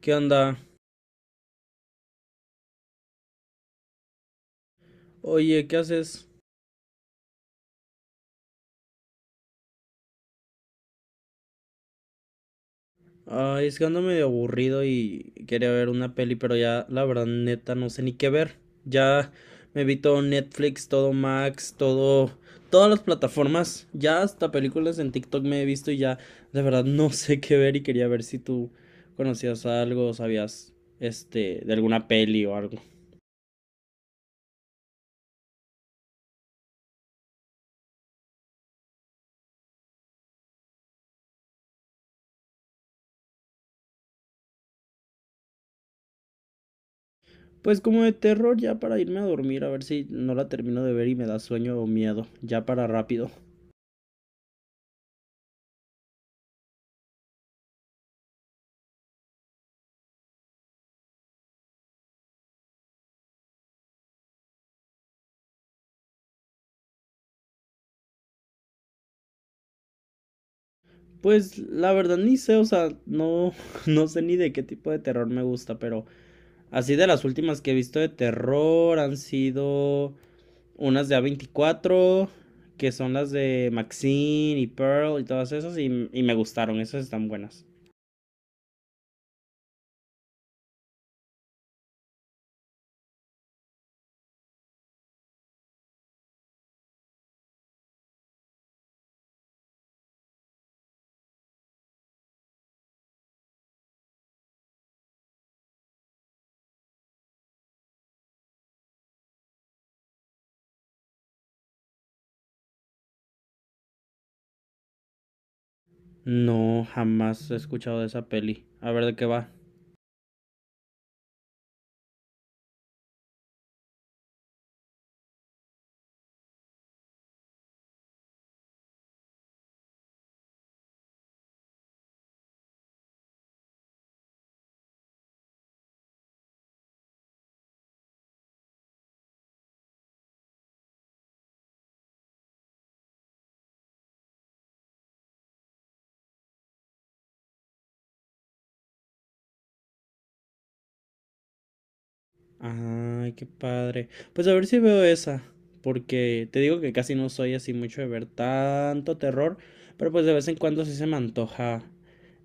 ¿Qué onda? Oye, ¿qué haces? Ay, es que ando medio aburrido y quería ver una peli, pero ya la verdad neta no sé ni qué ver. Ya me vi todo Netflix, todo Max, todo todas las plataformas, ya hasta películas en TikTok me he visto y ya de verdad no sé qué ver y quería ver si tú conocías algo, o sabías este de alguna peli o algo. Pues como de terror ya para irme a dormir, a ver si no la termino de ver y me da sueño o miedo, ya para rápido. Pues la verdad ni sé, o sea, no, no sé ni de qué tipo de terror me gusta, pero así de las últimas que he visto de terror han sido unas de A24 que son las de Maxine y Pearl y todas esas, y me gustaron, esas están buenas. No, jamás he escuchado de esa peli. A ver de qué va. Ay, qué padre. Pues a ver si veo esa, porque te digo que casi no soy así mucho de ver tanto terror, pero pues de vez en cuando sí se me antoja,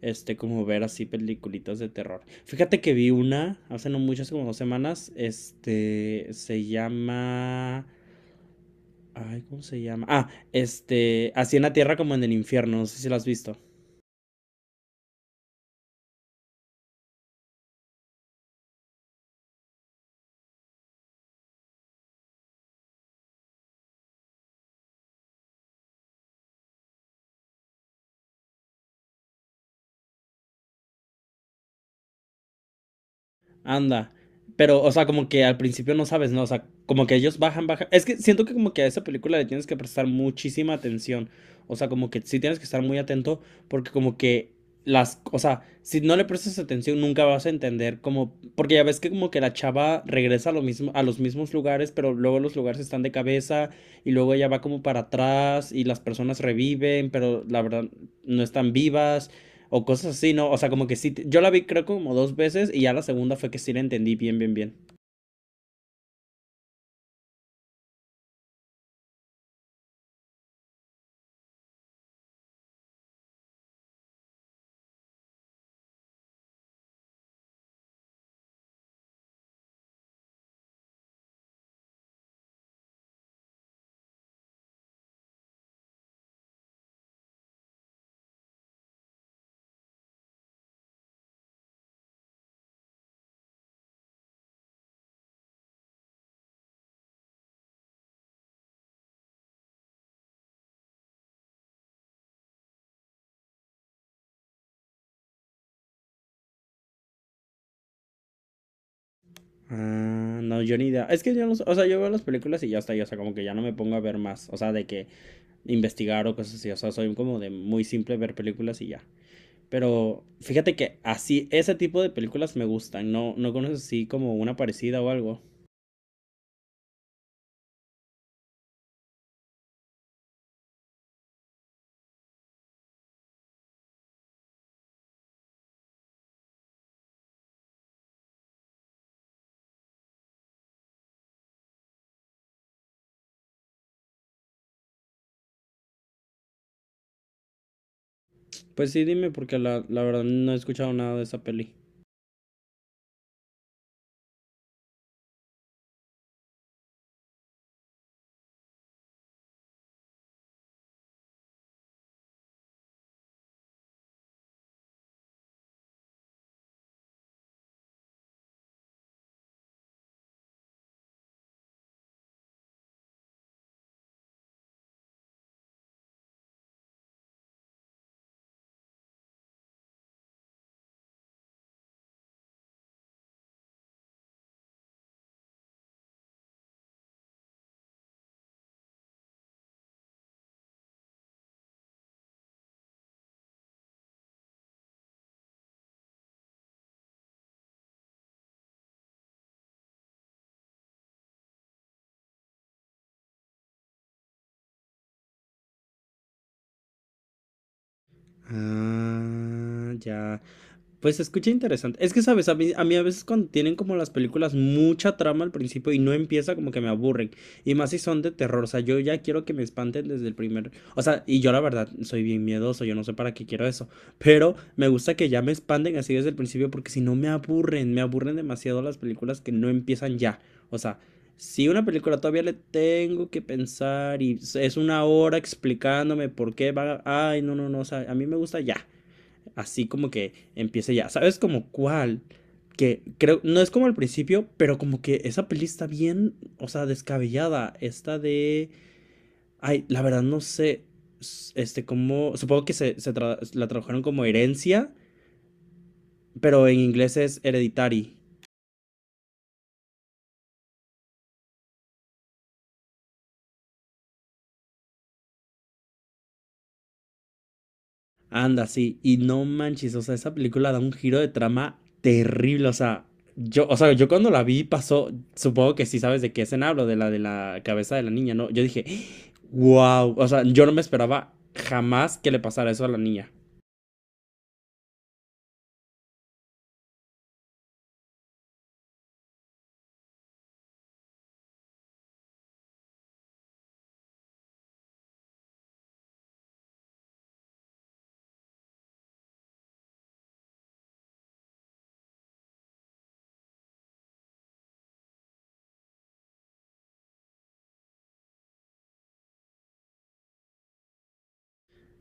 este, como ver así peliculitas de terror. Fíjate que vi una hace no mucho, hace como 2 semanas, este, se llama, ay, ¿cómo se llama? Ah, este, así en la tierra como en el infierno, no sé si la has visto. Anda. Pero, o sea, como que al principio no sabes, ¿no? O sea, como que ellos bajan, bajan. Es que siento que como que a esa película le tienes que prestar muchísima atención. O sea, como que sí tienes que estar muy atento porque como que las, o sea, si no le prestas atención nunca vas a entender como, porque ya ves que como que la chava regresa a lo mismo, a los mismos lugares, pero luego los lugares están de cabeza y luego ella va como para atrás y las personas reviven, pero la verdad no están vivas. O cosas así, ¿no? O sea, como que sí. Yo la vi creo como dos veces y ya la segunda fue que sí la entendí bien, bien, bien. Ah, no, yo ni idea. Es que yo no, o sea, yo veo las películas y ya está, y, o sea, como que ya no me pongo a ver más, o sea, de que investigar o cosas así, o sea, soy como de muy simple ver películas y ya. Pero fíjate que así, ese tipo de películas me gustan, no, no conoces así como una parecida o algo. Pues sí, dime, porque la verdad no he escuchado nada de esa peli. Ah, ya. Pues se escucha interesante. Es que, ¿sabes? A mí, a mí a veces cuando tienen como las películas mucha trama al principio y no empieza como que me aburren. Y más si son de terror. O sea, yo ya quiero que me espanten desde el primer... O sea, y yo la verdad soy bien miedoso. Yo no sé para qué quiero eso. Pero me gusta que ya me espanten así desde el principio porque si no me aburren. Me aburren demasiado las películas que no empiezan ya. O sea, si una película todavía le tengo que pensar y es una hora explicándome por qué va. Ay, no, no, no. O sea, a mí me gusta ya. Así como que empiece ya. ¿Sabes como cuál? Que creo, no es como al principio, pero como que esa peli está bien, o sea, descabellada. Esta de. Ay, la verdad no sé. Este, como. Supongo que la tradujeron como herencia, pero en inglés es hereditary. Anda, sí, y no manches, o sea, esa película da un giro de trama terrible, o sea, yo cuando la vi pasó, supongo que sí sabes de qué escena hablo, de la cabeza de la niña, ¿no? Yo dije, wow, o sea, yo no me esperaba jamás que le pasara eso a la niña.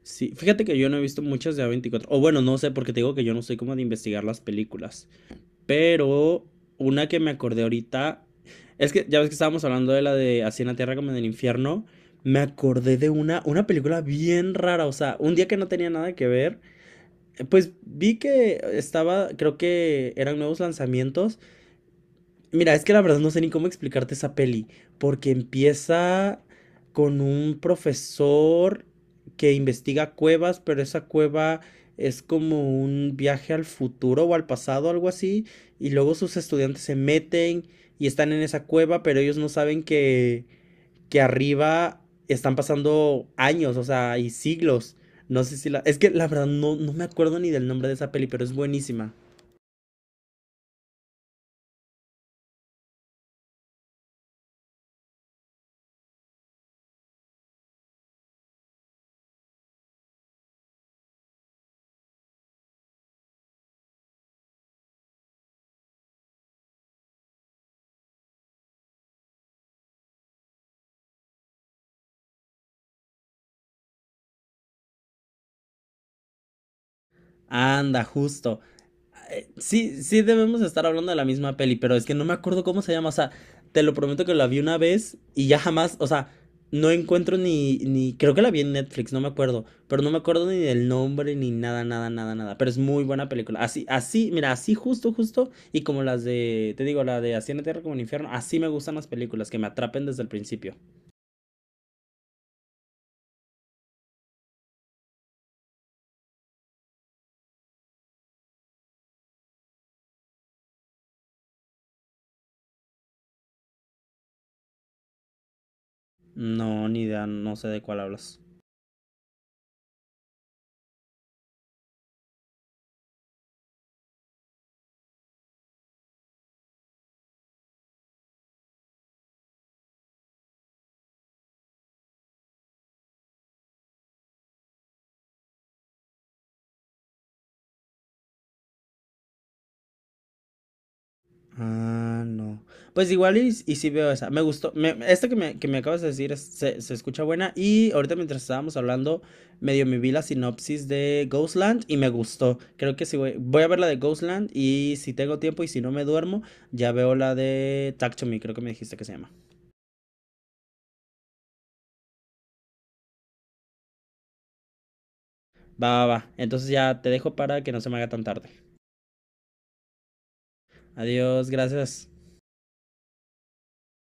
Sí, fíjate que yo no he visto muchas de A24. O bueno, no sé, porque te digo que yo no soy como de investigar las películas. Pero una que me acordé ahorita. Es que ya ves que estábamos hablando de la de Así en la Tierra como en el infierno. Me acordé de una película bien rara. O sea, un día que no tenía nada que ver. Pues vi que estaba. Creo que eran nuevos lanzamientos. Mira, es que la verdad no sé ni cómo explicarte esa peli, porque empieza con un profesor que investiga cuevas, pero esa cueva es como un viaje al futuro o al pasado, algo así, y luego sus estudiantes se meten y están en esa cueva, pero ellos no saben que arriba están pasando años, o sea, y siglos. No sé si la... Es que la verdad no, no me acuerdo ni del nombre de esa peli, pero es buenísima. Anda, justo. Sí, sí debemos estar hablando de la misma peli, pero es que no me acuerdo cómo se llama. O sea, te lo prometo que la vi una vez y ya jamás, o sea, no encuentro ni, ni, creo que la vi en Netflix, no me acuerdo, pero no me acuerdo ni del nombre ni nada, nada, nada, nada. Pero es muy buena película. Así, así, mira, así justo, justo, y como las de, te digo, la de Así en la Tierra como en el Infierno, así me gustan las películas, que me atrapen desde el principio. No, ni idea, no sé de cuál hablas. Ah, no. Pues igual y sí veo esa. Me gustó. Me, esta que me, acabas de decir se escucha buena. Y ahorita mientras estábamos hablando, medio me vi la sinopsis de Ghostland y me gustó. Creo que sí voy a ver la de Ghostland y si tengo tiempo y si no me duermo, ya veo la de Talk to Me, creo que me dijiste que se llama. Va, va, va. Entonces ya te dejo para que no se me haga tan tarde. Adiós, gracias.